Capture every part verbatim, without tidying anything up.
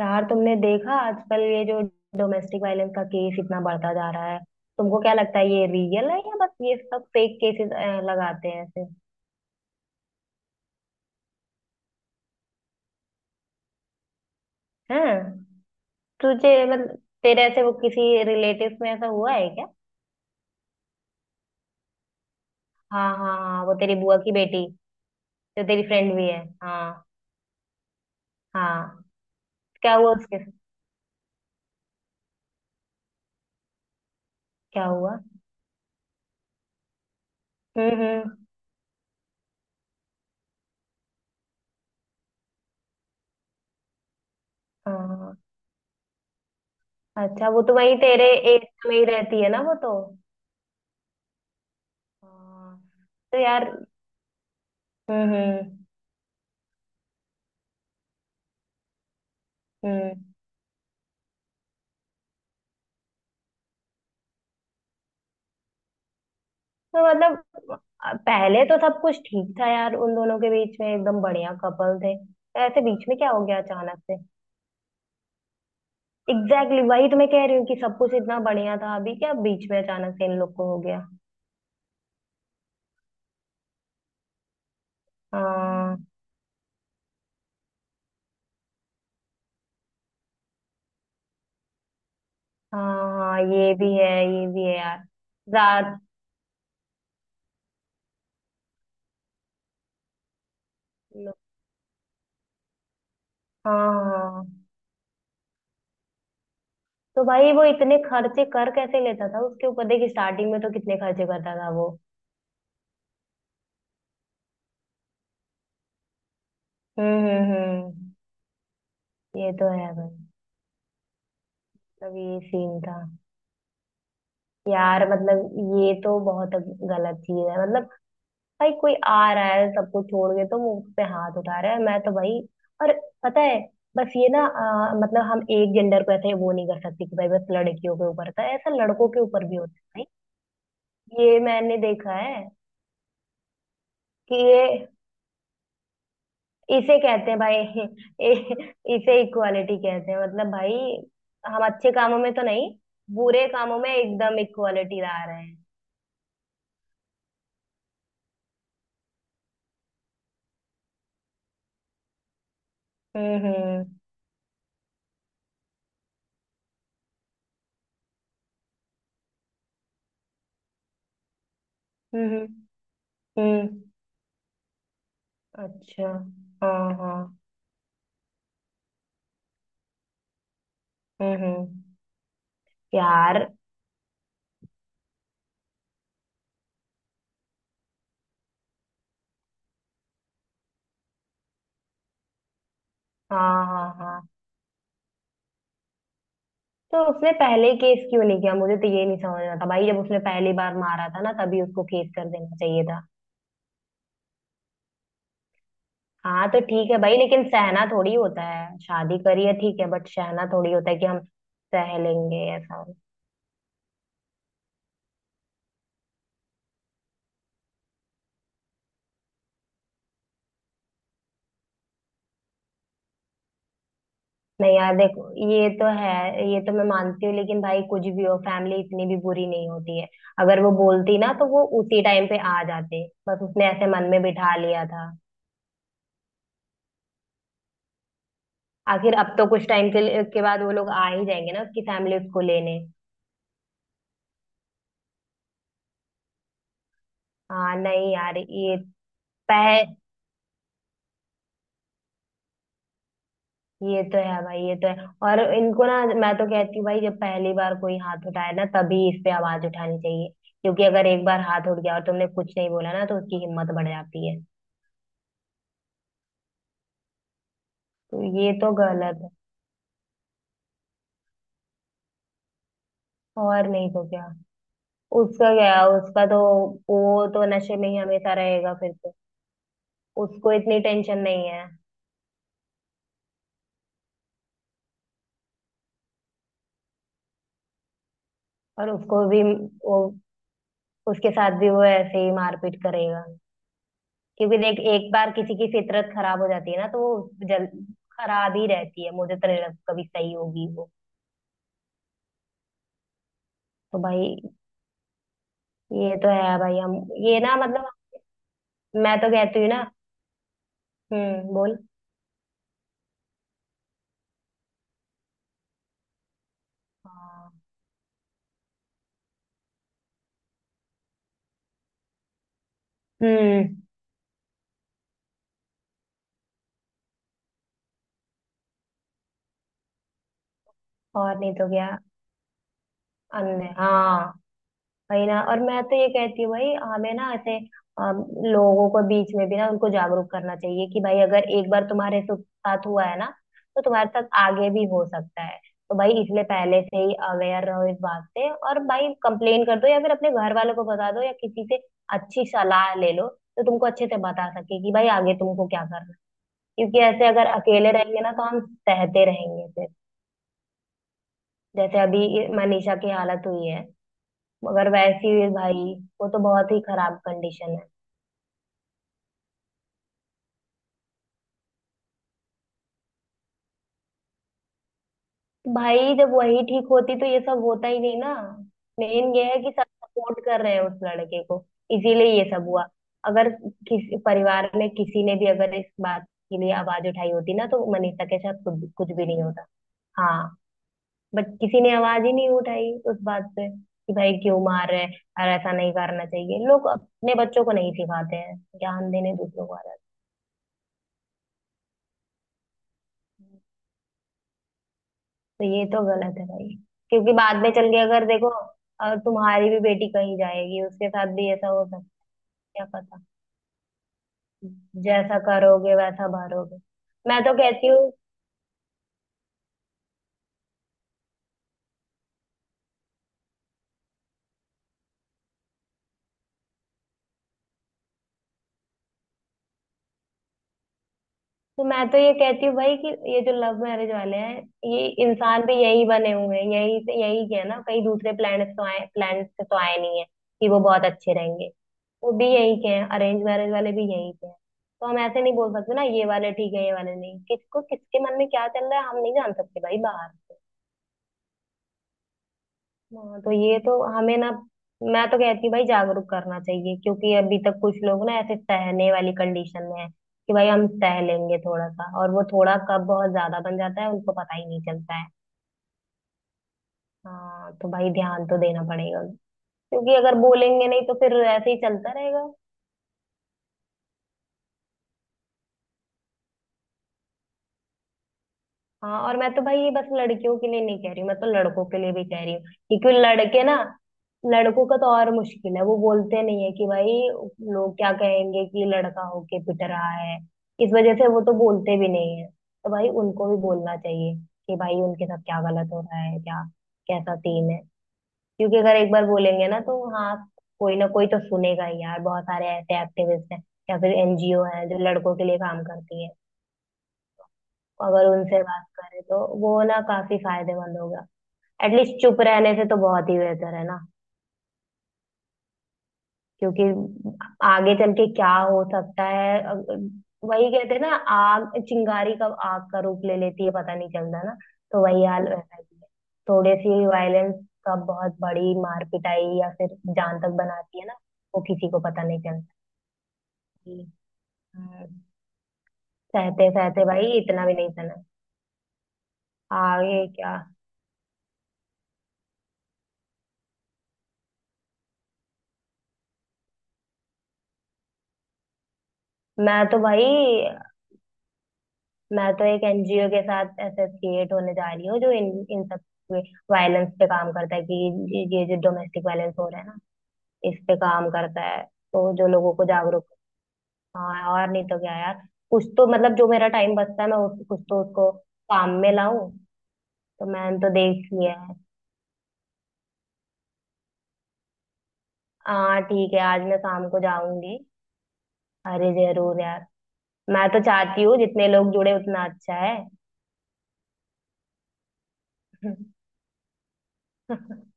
यार, तुमने देखा आजकल ये जो डोमेस्टिक वायलेंस का केस इतना बढ़ता जा रहा है, तुमको क्या लगता है ये रियल है या बस ये सब फेक केसेस लगाते हैं ऐसे? हैं? तुझे मतलब तेरे ऐसे वो किसी रिलेटिव में ऐसा हुआ है क्या? हाँ हाँ हाँ, वो तेरी बुआ की बेटी जो तेरी फ्रेंड भी है। हाँ। हाँ। क्या हुआ उसके साथ? क्या हुआ? हम्म हम्म। हाँ हाँ। अच्छा, वो तो वही तेरे एरिया में ही रहती है ना वो तो। हाँ। तो यार। हम्म हम्म हम्म। तो मतलब पहले तो सब कुछ ठीक था यार उन दोनों के बीच में, एकदम बढ़िया कपल थे, तो ऐसे बीच में क्या हो गया अचानक से? एग्जैक्टली exactly, वही तो मैं कह रही हूँ कि सब कुछ इतना बढ़िया था, अभी क्या बीच में अचानक से इन लोग को हो गया? हाँ हाँ हाँ। ये भी है ये भी है यार। रात लो- हाँ हाँ। तो भाई, वो इतने खर्चे कर कैसे लेता था उसके ऊपर? देखिए स्टार्टिंग में तो कितने खर्चे करता था वो। हम्म हम्म हम्म। ये तो है भाई। तब ये सीन था। यार मतलब ये तो बहुत गलत चीज है, मतलब भाई कोई आ रहा है सबको छोड़ के तो मुंह पे हाथ उठा रहा है, मैं तो भाई। और पता है, बस ये ना अ, मतलब हम एक जेंडर को ऐसे वो नहीं कर सकते कि भाई बस लड़कियों के ऊपर था ऐसा, लड़कों के ऊपर भी होता है। भाई ये मैंने देखा है कि ये इसे कहते हैं भाई। ए- इसे इक्वालिटी कहते हैं मतलब भाई। हम अच्छे कामों में तो नहीं, बुरे कामों में एकदम इक्वालिटी ला रहे हैं। हम्म हम्म हम्म हम्म हम्म। अच्छा। हाँ हाँ। हम्म हम्म। यार। हाँ हाँ हाँ। तो उसने पहले केस क्यों नहीं किया? मुझे तो ये नहीं समझ रहा था भाई, जब उसने पहली बार मारा था ना तभी उसको केस कर देना चाहिए था। हाँ तो ठीक है भाई, लेकिन सहना थोड़ी होता है, शादी करी है ठीक है, बट सहना थोड़ी होता है कि हम सह लेंगे ऐसा। नहीं यार देखो, ये तो है, ये तो मैं मानती हूँ, लेकिन भाई कुछ भी हो, फैमिली इतनी भी बुरी नहीं होती है। अगर वो बोलती ना तो वो उसी टाइम पे आ जाते, बस उसने ऐसे मन में बिठा लिया था। आखिर अब तो कुछ टाइम के लिए के बाद वो लोग आ ही जाएंगे ना, उसकी फैमिली उसको लेने। हाँ। नहीं यार ये पह ये तो है भाई, ये तो है। और इनको ना मैं तो कहती हूँ भाई, जब पहली बार कोई हाथ उठाए ना तभी इस पे आवाज उठानी चाहिए। क्योंकि अगर एक बार हाथ उठ गया और तुमने कुछ नहीं बोला ना, तो उसकी हिम्मत बढ़ जाती है। तो ये तो गलत है। और नहीं तो क्या। उसका क्या, उसका तो वो तो नशे में ही हमेशा रहेगा फिर तो। उसको इतनी टेंशन नहीं है। और उसको भी वो उसके साथ भी वो ऐसे ही मारपीट करेगा। क्योंकि देख, एक बार किसी की फितरत खराब हो जाती है ना तो वो जल खराब ही रहती है, मुझे तो नहीं लगता कभी सही होगी वो। तो भाई, ये तो है भाई। हम ये ना मतलब मैं तो कहती हूँ ना। हम्म। बोल। हाँ। हम्म। और नहीं तो क्या। अन्य हाँ। वही ना। और मैं तो ये कहती हूँ भाई, हमें ना ऐसे अम, लोगों को बीच में भी ना उनको जागरूक करना चाहिए कि भाई अगर एक बार तुम्हारे सु- साथ हुआ है ना, तो तुम्हारे साथ आगे भी हो सकता है। तो भाई इसलिए पहले से ही अवेयर रहो इस बात से, और भाई कंप्लेन कर दो या फिर अपने घर वालों को बता दो या किसी से अच्छी सलाह ले लो तो तुमको अच्छे से बता सके कि भाई आगे तुमको क्या करना है। क्योंकि ऐसे अगर अकेले रहेंगे ना तो हम सहते रहेंगे फिर, जैसे अभी मनीषा की हालत हुई है, मगर वैसी हुई भाई, वो तो बहुत ही खराब कंडीशन है। भाई जब वही ठीक होती तो ये सब होता ही नहीं ना। मेन ये है कि सब सपोर्ट कर रहे हैं उस लड़के को, इसीलिए ये सब हुआ। अगर किसी परिवार में किसी ने भी अगर इस बात के लिए आवाज उठाई होती ना, तो मनीषा के साथ कुछ कुछ भी नहीं होता। हाँ। बट किसी ने आवाज ही नहीं उठाई उस बात पे कि भाई क्यों मार रहे हैं और ऐसा नहीं करना चाहिए, लोग अपने बच्चों को नहीं सिखाते हैं, ज्ञान देने दूसरों को आ जाते हैं। तो ये तो गलत है भाई, क्योंकि बाद में चल के अगर देखो अ, तुम्हारी भी बेटी कहीं जाएगी, उसके साथ भी ऐसा हो सकता है, क्या पता। जैसा करोगे वैसा भरोगे। मैं तो कहती हूँ। तो मैं तो ये कहती हूँ भाई कि ये जो लव मैरिज वाले हैं, ये इंसान भी यही बने हुए हैं, यही से, यही के है ना, कहीं दूसरे प्लेनेट तो आए प्लेनेट से तो आए नहीं है कि वो बहुत अच्छे रहेंगे। वो भी यही के हैं, अरेंज मैरिज वाले भी यही के हैं। तो हम ऐसे नहीं बोल सकते ना ये वाले ठीक है ये वाले नहीं, किसको किसके मन में क्या चल रहा है हम नहीं जान सकते भाई बाहर। हाँ। तो ये तो हमें ना, मैं तो कहती हूँ भाई जागरूक करना चाहिए, क्योंकि अभी तक कुछ लोग ना ऐसे सहने वाली कंडीशन में है कि भाई हम सह लेंगे थोड़ा सा, और वो थोड़ा कब बहुत ज्यादा बन जाता है उनको पता ही नहीं चलता है। हाँ। तो भाई ध्यान तो देना पड़ेगा, क्योंकि अगर बोलेंगे नहीं तो फिर ऐसे ही चलता रहेगा। हाँ, और मैं तो भाई ये बस लड़कियों के लिए नहीं कह रही हूँ, मैं तो लड़कों के लिए भी कह रही हूँ। क्योंकि लड़के ना, लड़कों का तो और मुश्किल है, वो बोलते नहीं है कि भाई लोग क्या कहेंगे कि लड़का होके पिट रहा है, इस वजह से वो तो बोलते भी नहीं है। तो भाई उनको भी बोलना चाहिए कि भाई उनके साथ क्या गलत हो रहा है क्या, कैसा सीन है। क्योंकि अगर एक बार बोलेंगे ना तो हाँ, कोई ना कोई तो सुनेगा ही यार। बहुत सारे ऐसे एक्टिविस्ट हैं या फिर एनजीओ हैं जो लड़कों के लिए काम करती है। अगर उनसे बात करें तो वो ना काफी फायदेमंद होगा। एटलीस्ट चुप रहने से तो बहुत ही बेहतर है ना। क्योंकि आगे चल के क्या हो सकता है अग- वही कहते हैं ना, आग चिंगारी कब आग का रूप ले लेती है पता नहीं चलता ना। तो वही हाल वैसा ही है। थोड़े सी वायलेंस का बहुत बड़ी मार पिटाई या फिर जान तक बनाती है ना। वो किसी को पता नहीं चलता कि, हम्म, सहते सहते भाई इतना भी नहीं सहना। आगे क्या। मैं तो भाई मैं तो एक एनजीओ के साथ एसोसिएट होने जा रही हूँ जो इन इन सब वायलेंस पे काम करता है, कि ये जो डोमेस्टिक वायलेंस हो रहा है ना, इस पे काम करता है। तो जो लोगों को जागरूक। हाँ, और नहीं तो क्या यार। कुछ तो मतलब जो मेरा टाइम बचता है, मैं उस, कुछ तो उसको काम में लाऊं। तो मैंने तो देख लिया है। हाँ ठीक है, आज मैं शाम को जाऊंगी। अरे जरूर यार, मैं तो चाहती हूँ जितने लोग जुड़े उतना अच्छा है।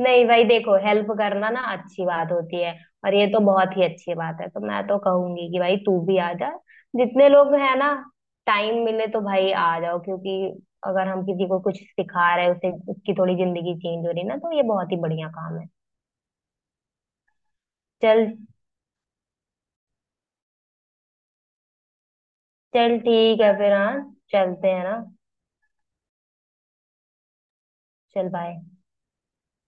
नहीं भाई देखो, हेल्प करना ना अच्छी बात होती है, और ये तो बहुत ही अच्छी बात है, तो मैं तो कहूंगी कि भाई तू भी आ जा। जितने लोग हैं ना, टाइम मिले तो भाई आ जाओ, क्योंकि अगर हम किसी को कुछ सिखा रहे हैं, उसे उसकी थोड़ी जिंदगी चेंज हो रही है ना, तो ये बहुत ही बढ़िया काम है। चल। चल ठीक है फिर। हाँ। चलते हैं ना। चल बाय।